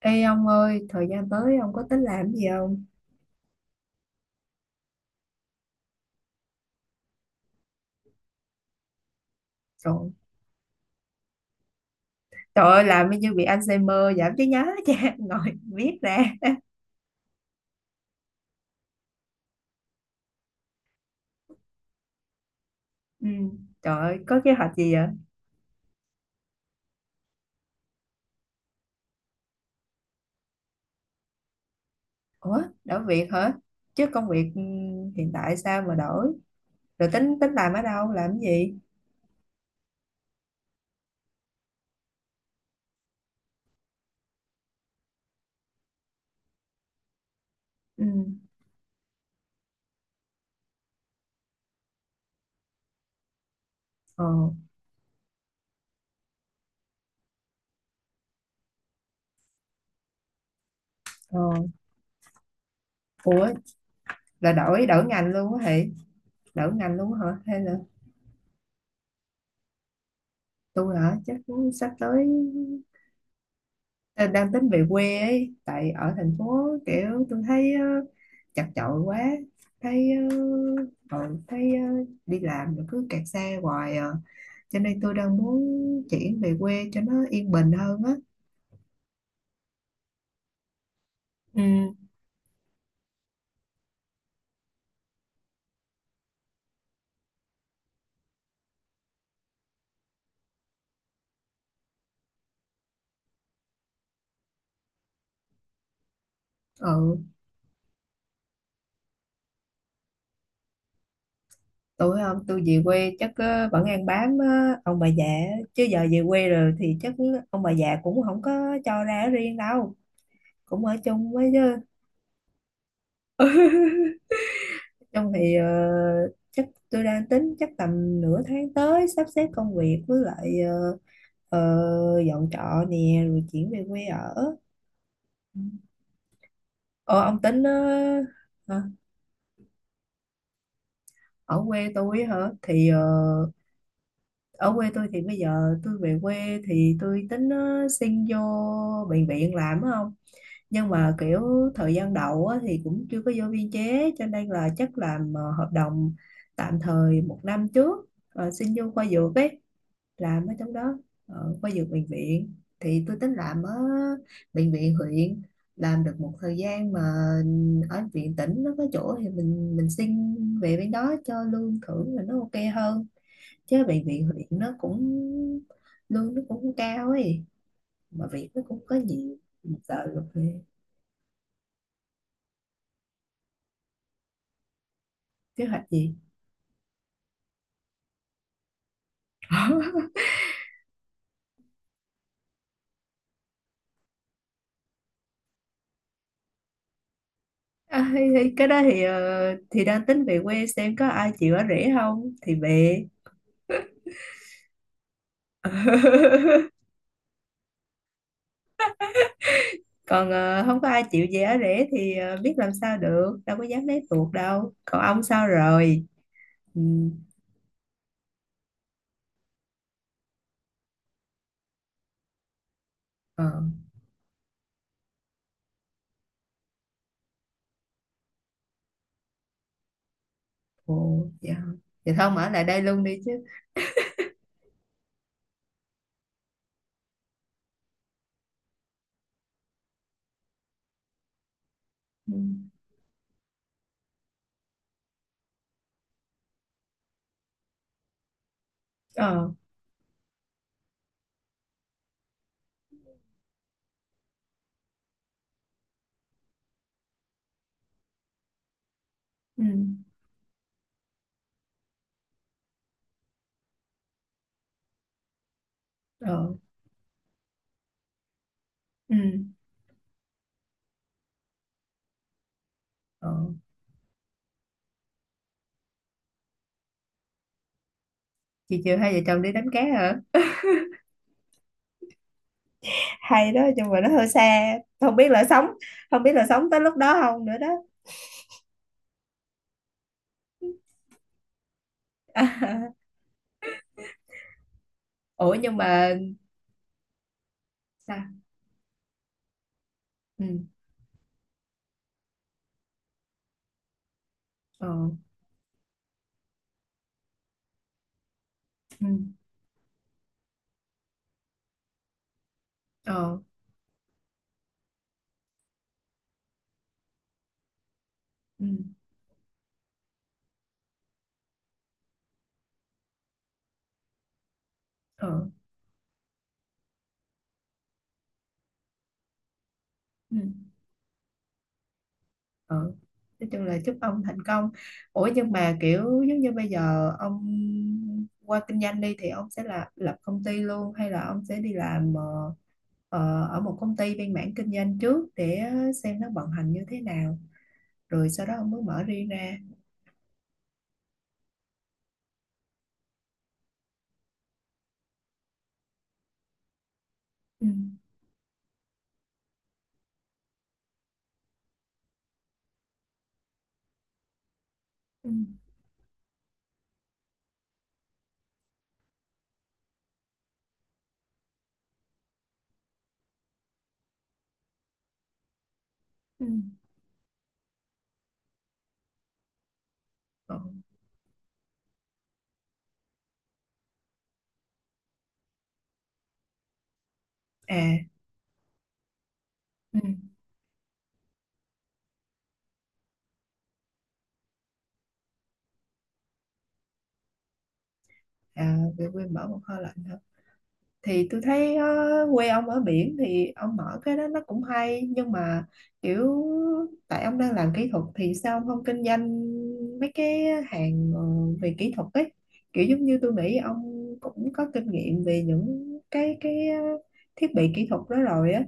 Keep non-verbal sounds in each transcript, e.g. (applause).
Ê ông ơi, thời gian tới ông có tính làm gì không? Rồi, trời ơi, làm như bị Alzheimer, giảm trí nhớ (laughs) cha, ngồi viết ra. Ừ, trời ơi, có kế hoạch gì vậy? Ủa, đổi việc hả? Chứ công việc hiện tại sao mà đổi? Rồi tính tính làm ở đâu, làm cái gì? Ừ. Ờ. Ờ. Ủa, là đổi đổi ngành luôn á hả? Đổi ngành luôn hả? Hay là tôi hả? Chắc cũng sắp tới. Ờ, đang tính về quê ấy, tại ở thành phố kiểu tôi thấy chật chội quá, thấy ờ, thấy ờ, đi làm rồi cứ kẹt xe hoài à, cho nên tôi đang muốn chuyển về quê cho nó yên bình hơn á. Ừ, ừ, tôi không, tôi về quê chắc vẫn ăn bám ông bà già á. Chứ giờ về quê rồi thì chắc ông bà già cũng không có cho ra ở riêng đâu, cũng ở chung với chứ. Trong thì chắc tôi đang tính chắc tầm nửa tháng tới sắp xếp công việc với lại dọn trọ nè rồi chuyển về quê ở. Ờ ông tính hả? Ở quê tôi á hả thì ở quê tôi thì bây giờ tôi về quê thì tôi tính xin vô bệnh viện làm á. Không, nhưng mà kiểu thời gian đầu á, thì cũng chưa có vô biên chế cho nên là chắc làm hợp đồng tạm thời một năm trước, xin vô khoa dược ấy, làm ở trong đó, ở khoa dược bệnh viện. Thì tôi tính làm ở bệnh viện huyện, làm được một thời gian mà ở viện tỉnh nó có chỗ thì mình xin về bên đó cho lương thưởng là nó ok hơn. Chứ bệnh viện huyện nó cũng, lương nó cũng không cao ấy, mà việc nó cũng có nhiều mình sợ được thì. Kế hoạch gì (laughs) à, thì cái đó thì thì đang tính về quê xem có ai chịu ở rể không thì về. Còn không có ai chịu giá rẻ thì biết làm sao được, đâu có dám lấy tuột đâu. Còn ông sao rồi? Ừ. Ờ. Ồ, dạ. Dạ, thôi ông ở lại đây luôn đi chứ. Ừ. Ờ. Ừ. Ờ. Ừ. Ờ, chiều chiều hai vợ chồng đi đánh cá hả? Hay đó, nhưng mà nó hơi xa. không biết là sống không biết là sống tới lúc đó không nữa đó. (laughs) Ủa nhưng mà sao. Ừ. Ờ. Ừ. Ờ. Ừ. Ờ. Ừ. Ừ, nói chung là chúc ông thành công. Ủa nhưng mà kiểu giống như bây giờ ông qua kinh doanh đi, thì ông sẽ là lập công ty luôn hay là ông sẽ đi làm ở một công ty bên mảng kinh doanh trước để xem nó vận hành như thế nào, rồi sau đó ông mới mở riêng ra. Ừ. Ừ. Ừ. Ừ. À. Ừ. À, về quên mở một kho lạnh hả? Thì tôi thấy quê ông ở biển thì ông mở cái đó nó cũng hay, nhưng mà kiểu tại ông đang làm kỹ thuật thì sao ông không kinh doanh mấy cái hàng về kỹ thuật ấy, kiểu giống như tôi nghĩ ông cũng có kinh nghiệm về những cái thiết bị kỹ thuật đó rồi á.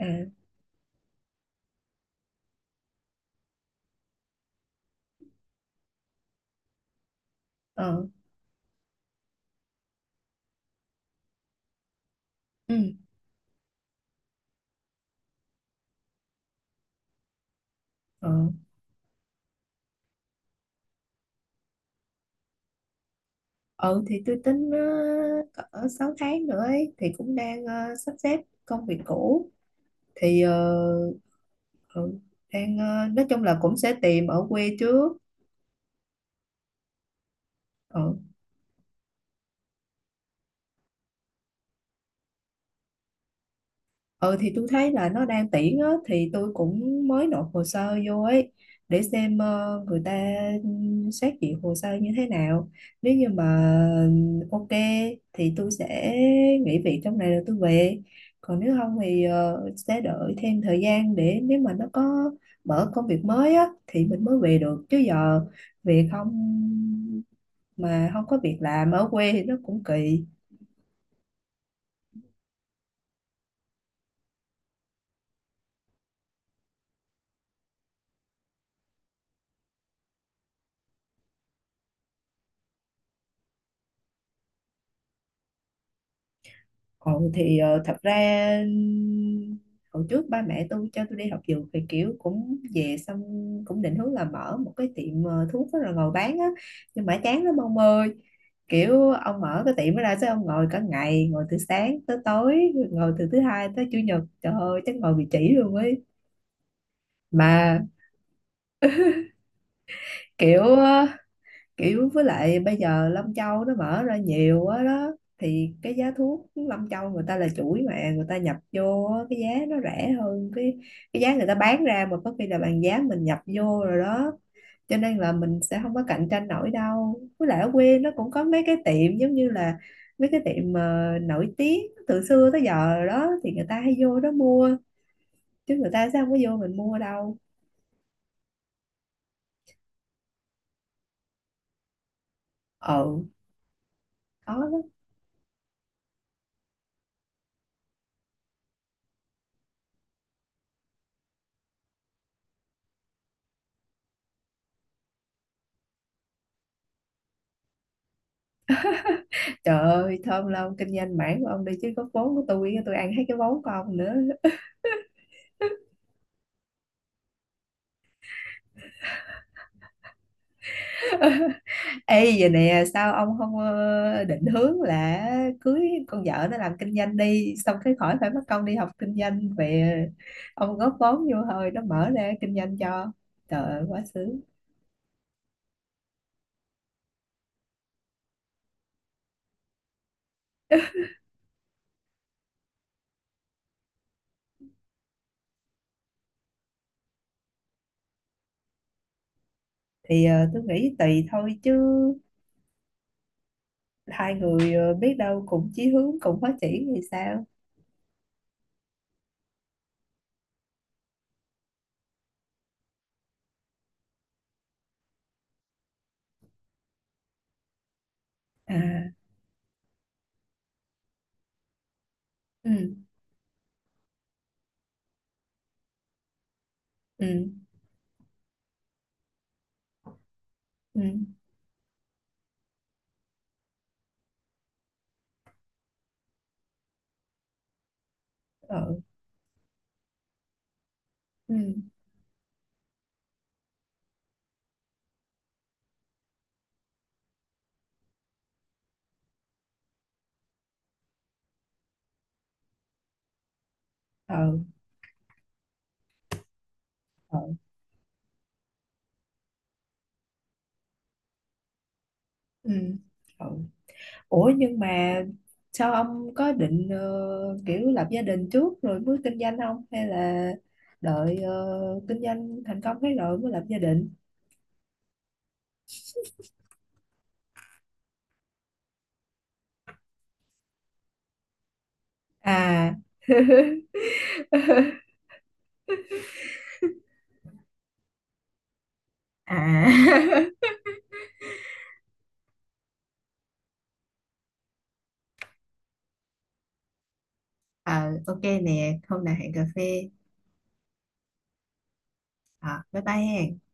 À. Ờ. Ừ. Ờ. Ừ, thì tôi tính cỡ 6 tháng nữa ấy thì cũng đang sắp xếp công việc cũ thì ừ, đang nói chung là cũng sẽ tìm ở quê trước. Ừ. Ừ, thì tôi thấy là nó đang tuyển á thì tôi cũng mới nộp hồ sơ vô ấy để xem người ta xét duyệt hồ sơ như thế nào. Nếu như mà ok thì tôi sẽ nghỉ việc trong này rồi tôi về. Còn nếu không thì sẽ đợi thêm thời gian để nếu mà nó có mở công việc mới á thì mình mới về được, chứ giờ về không mà không có việc làm ở quê thì nó cũng kỳ. Ừ, thì thật ra hồi trước ba mẹ tôi cho tôi đi học dược thì kiểu cũng về xong cũng định hướng là mở một cái tiệm thuốc đó rồi ngồi bán á, nhưng mà chán lắm ông ơi. Kiểu ông mở cái tiệm đó ra sao, ông ngồi cả ngày, ngồi từ sáng tới tối, ngồi từ thứ hai tới chủ nhật, trời ơi chắc ngồi bị chỉ luôn ấy. Mà kiểu, với lại bây giờ Lâm Châu nó mở ra nhiều quá đó, thì cái giá thuốc Lâm Châu người ta là chuỗi mà người ta nhập vô á, cái giá nó rẻ hơn cái giá người ta bán ra, mà có khi là bằng giá mình nhập vô rồi đó. Cho nên là mình sẽ không có cạnh tranh nổi đâu, với lại ở quê nó cũng có mấy cái tiệm giống như là mấy cái tiệm mà nổi tiếng từ xưa tới giờ rồi đó, thì người ta hay vô đó mua, chứ người ta sẽ không có vô mình mua đâu. Ừ, đó. Trời ơi, thơm lâu kinh doanh mảng của ông đi, chứ góp vốn của tôi ăn hết cái vốn của ông nữa. Ê giờ nè, sao ông không định hướng là cưới con vợ nó làm kinh doanh đi, xong cái khỏi phải mất công đi học kinh doanh về, ông góp vốn vô thôi, nó mở ra kinh doanh cho. Trời ơi, quá sướng. Thì tôi nghĩ tùy thôi chứ, hai người biết đâu cùng chí hướng cùng phát triển thì sao? À, ừ, ừ, ừ, ừ, ừ, ừ, ừ. Ừ. Ừ, ừ. Ủa nhưng mà sao ông có định kiểu lập gia đình trước rồi mới kinh doanh không? Hay là đợi kinh doanh thành công cái rồi mới lập gia đình? À. À. (laughs) Ờ, ok nè hôm nào hẹn cà phê. Ờ, bye bye ha.